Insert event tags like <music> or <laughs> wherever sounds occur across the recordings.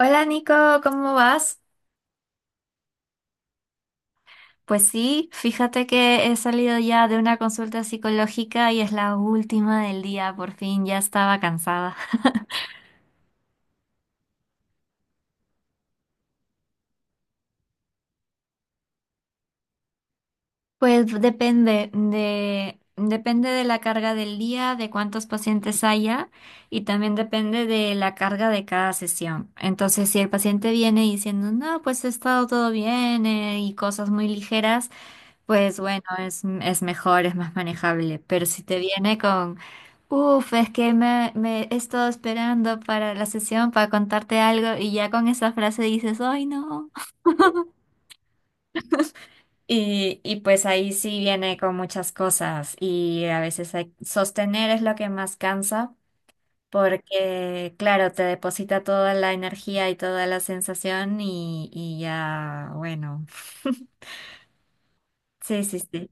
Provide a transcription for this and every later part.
Hola Nico, ¿cómo vas? Pues sí, fíjate que he salido ya de una consulta psicológica y es la última del día, por fin ya estaba cansada. <laughs> Pues depende de la carga del día, de cuántos pacientes haya y también depende de la carga de cada sesión. Entonces, si el paciente viene diciendo, no, pues he estado todo bien y cosas muy ligeras, pues bueno, es mejor, es más manejable. Pero si te viene con. Uf, es que me he estado esperando para la sesión para contarte algo y ya con esa frase dices, ¡ay no! Y pues ahí sí viene con muchas cosas y a veces sostener es lo que más cansa porque, claro, te deposita toda la energía y toda la sensación y ya, bueno. <laughs> Sí, sí, sí.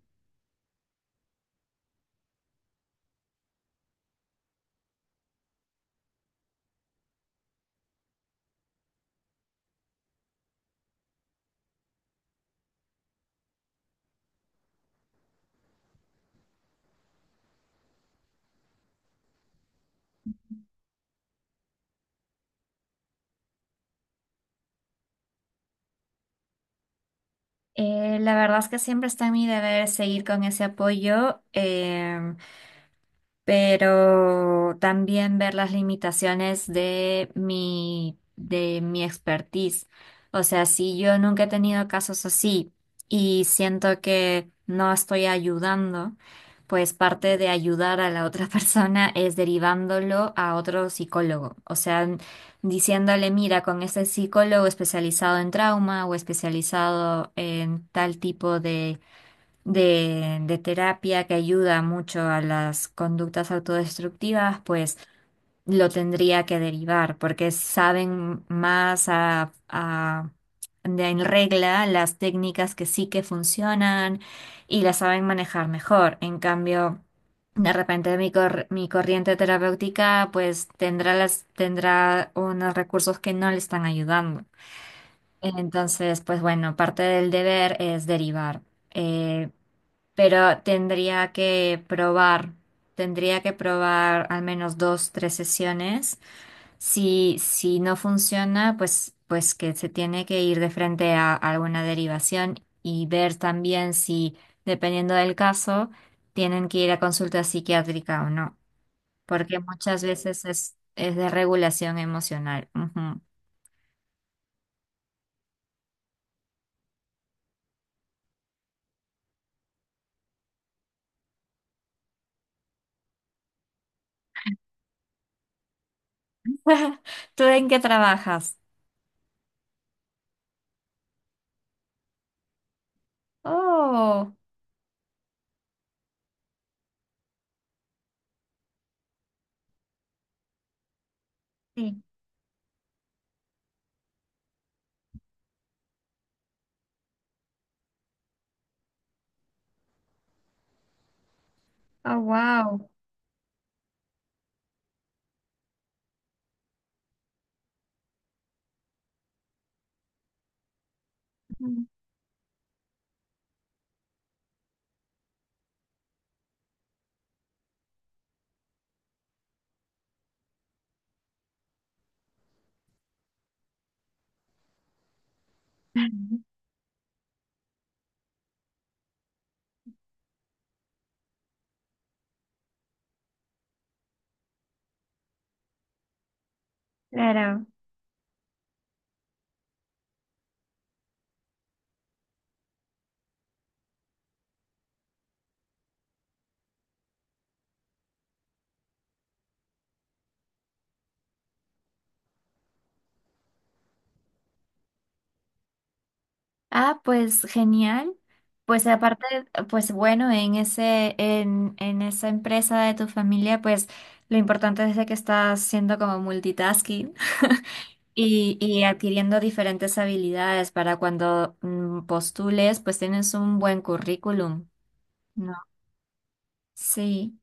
La verdad es que siempre está en mi deber seguir con ese apoyo. Pero también ver las limitaciones de mi expertise. O sea, si yo nunca he tenido casos así y siento que no estoy ayudando, pues parte de ayudar a la otra <laughs> persona es derivándolo a otro psicólogo. O sea, diciéndole, mira, con este psicólogo especializado en trauma o especializado en tal tipo de de terapia que ayuda mucho a las conductas autodestructivas, pues lo tendría que derivar, porque saben más en regla las técnicas que sí que funcionan y las saben manejar mejor. En cambio, de repente mi corriente terapéutica pues tendrá unos recursos que no le están ayudando. Entonces, pues bueno, parte del deber es derivar. Eh, pero tendría que probar al menos dos, tres sesiones. Si, si no funciona, pues que se tiene que ir de frente a alguna derivación y ver también si, dependiendo del caso, tienen que ir a consulta psiquiátrica o no, porque muchas veces es de regulación emocional. Ujú. <laughs> ¿Tú en qué trabajas? Oh, sí. Oh, wow. <laughs> Claro. Ah, pues genial. Pues aparte, pues bueno, en esa empresa de tu familia, pues lo importante es de que estás siendo como multitasking <laughs> y adquiriendo diferentes habilidades para cuando postules, pues tienes un buen currículum, ¿no? Sí.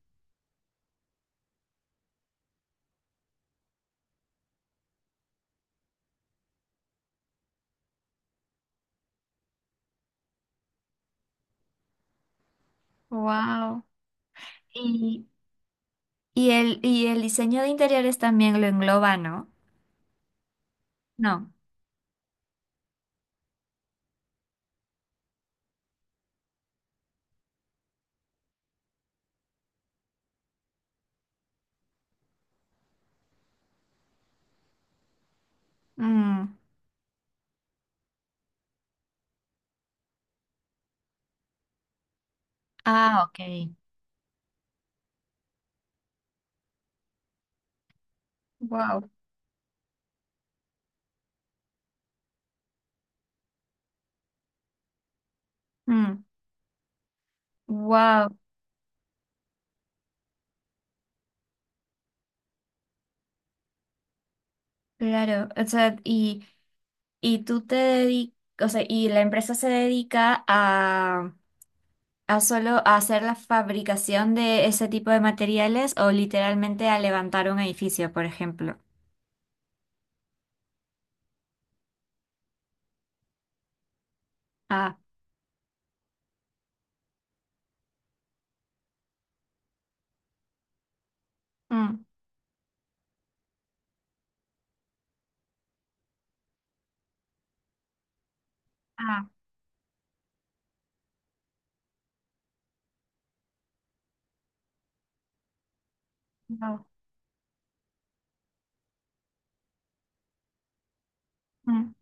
Wow. Y, y el diseño de interiores también lo engloba, ¿no? No. Mm. Ah, ok. Wow. Mm. Wow. Claro, o sea, y tú te dedicas, o sea, y la empresa se dedica a solo a hacer la fabricación de ese tipo de materiales o literalmente a levantar un edificio, por ejemplo. Ah, mm, ah, wow. Mm.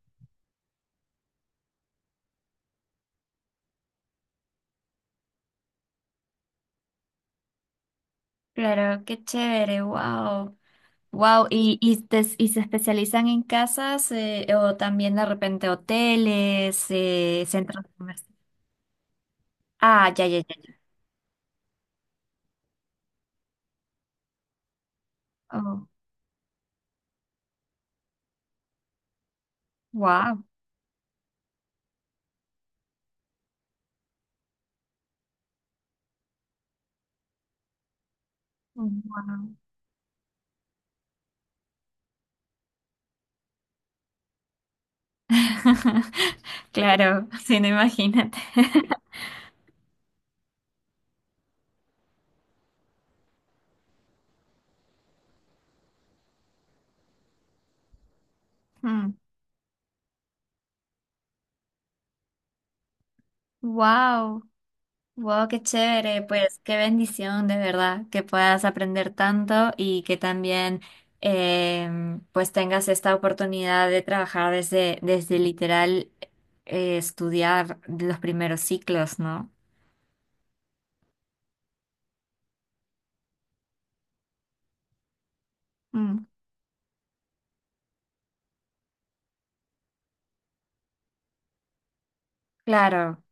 Claro, qué chévere, wow. Wow, y se especializan en casas o también de repente hoteles, centros comerciales. Ah, ya, ya, ya, ya. Oh, wow. <laughs> Claro, sí, no imagínate. <laughs> Wow, wow, qué chévere, pues qué bendición de verdad que puedas aprender tanto y que también pues tengas esta oportunidad de trabajar desde literal estudiar los primeros ciclos, ¿no? Mm, claro.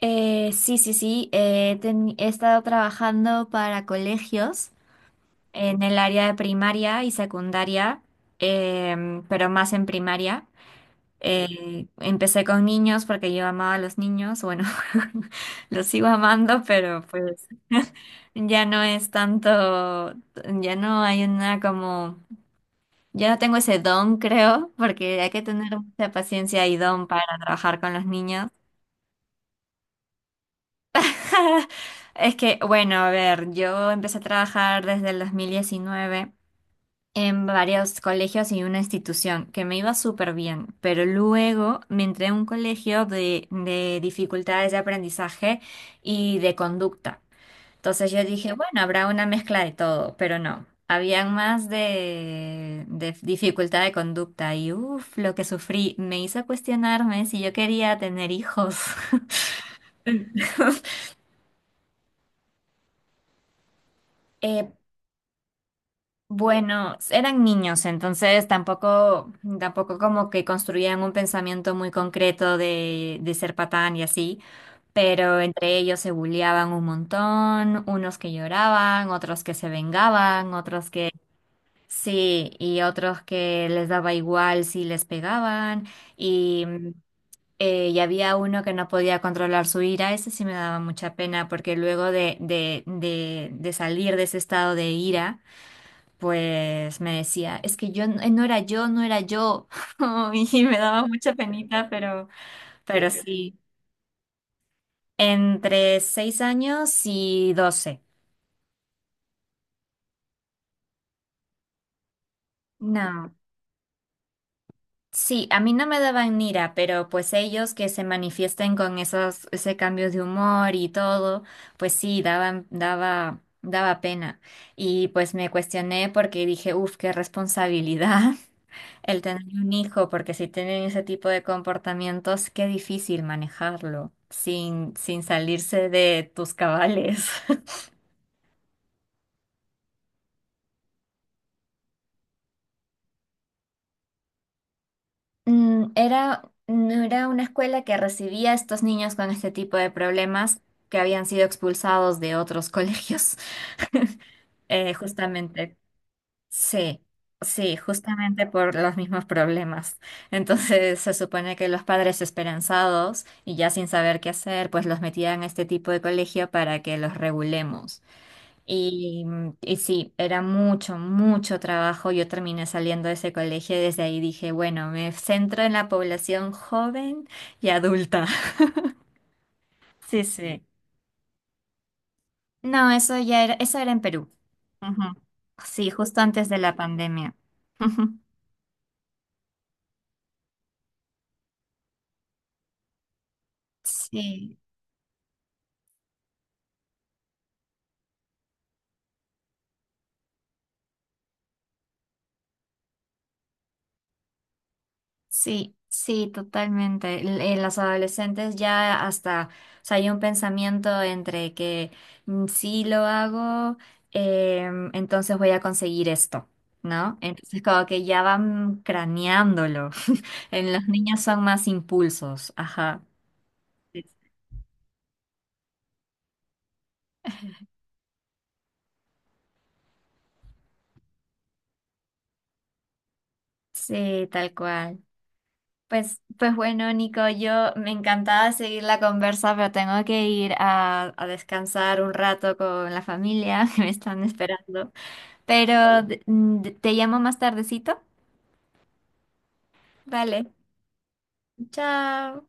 Sí, sí, sí. He estado trabajando para colegios. En el área de primaria y secundaria, pero más en primaria. Empecé con niños porque yo amaba a los niños, bueno, <laughs> los sigo amando, pero pues <laughs> ya no es tanto, ya no hay una como, ya no tengo ese don, creo, porque hay que tener mucha paciencia y don para trabajar con los niños. <laughs> Es que, bueno, a ver, yo empecé a trabajar desde el 2019 en varios colegios y una institución que me iba súper bien, pero luego me entré a un colegio de dificultades de aprendizaje y de conducta. Entonces yo dije, bueno, habrá una mezcla de todo, pero no. Habían más de dificultad de conducta y uff, lo que sufrí me hizo cuestionarme si yo quería tener hijos. <laughs> Eh, Bueno, eran niños, entonces tampoco como que construían un pensamiento muy concreto de ser patán y así, pero entre ellos se bulleaban un montón, unos que lloraban, otros que se vengaban, otros que sí, y otros que les daba igual si les pegaban, y, mm, y había uno que no podía controlar su ira, ese sí me daba mucha pena, porque luego de salir de ese estado de ira, pues me decía, es que yo no era yo, no era yo. <laughs> Y me daba mucha penita, pero sí, entre 6 años y 12. No, sí, a mí no me daban ira, pero pues ellos que se manifiesten con ese cambio de humor y todo, pues sí, daba pena. Y pues me cuestioné porque dije, uff, qué responsabilidad. El tener un hijo, porque si tienen ese tipo de comportamientos, qué difícil manejarlo sin salirse de tus cabales. <laughs> Mm, no era una escuela que recibía a estos niños con este tipo de problemas que habían sido expulsados de otros colegios, <laughs> justamente. Sí, sí, justamente por los mismos problemas. Entonces se supone que los padres esperanzados y ya sin saber qué hacer, pues los metían a este tipo de colegio para que los regulemos. Y sí, era mucho, mucho trabajo. Yo terminé saliendo de ese colegio y desde ahí dije, bueno, me centro en la población joven y adulta. <laughs> Sí, sí. No, eso era en Perú. Ujú. Sí, justo antes de la pandemia. <laughs> Sí. Sí, sí, totalmente. En las adolescentes ya hasta, o sea, hay un pensamiento entre que si lo hago, entonces voy a conseguir esto, ¿no? Entonces como que ya van craneándolo. <laughs> En los niños son más impulsos, ajá. Sí, tal cual. Pues bueno, Nico, yo me encantaba seguir la conversa, pero tengo que ir a descansar un rato con la familia <laughs> que me están esperando. Pero te llamo más tardecito. Vale, chao.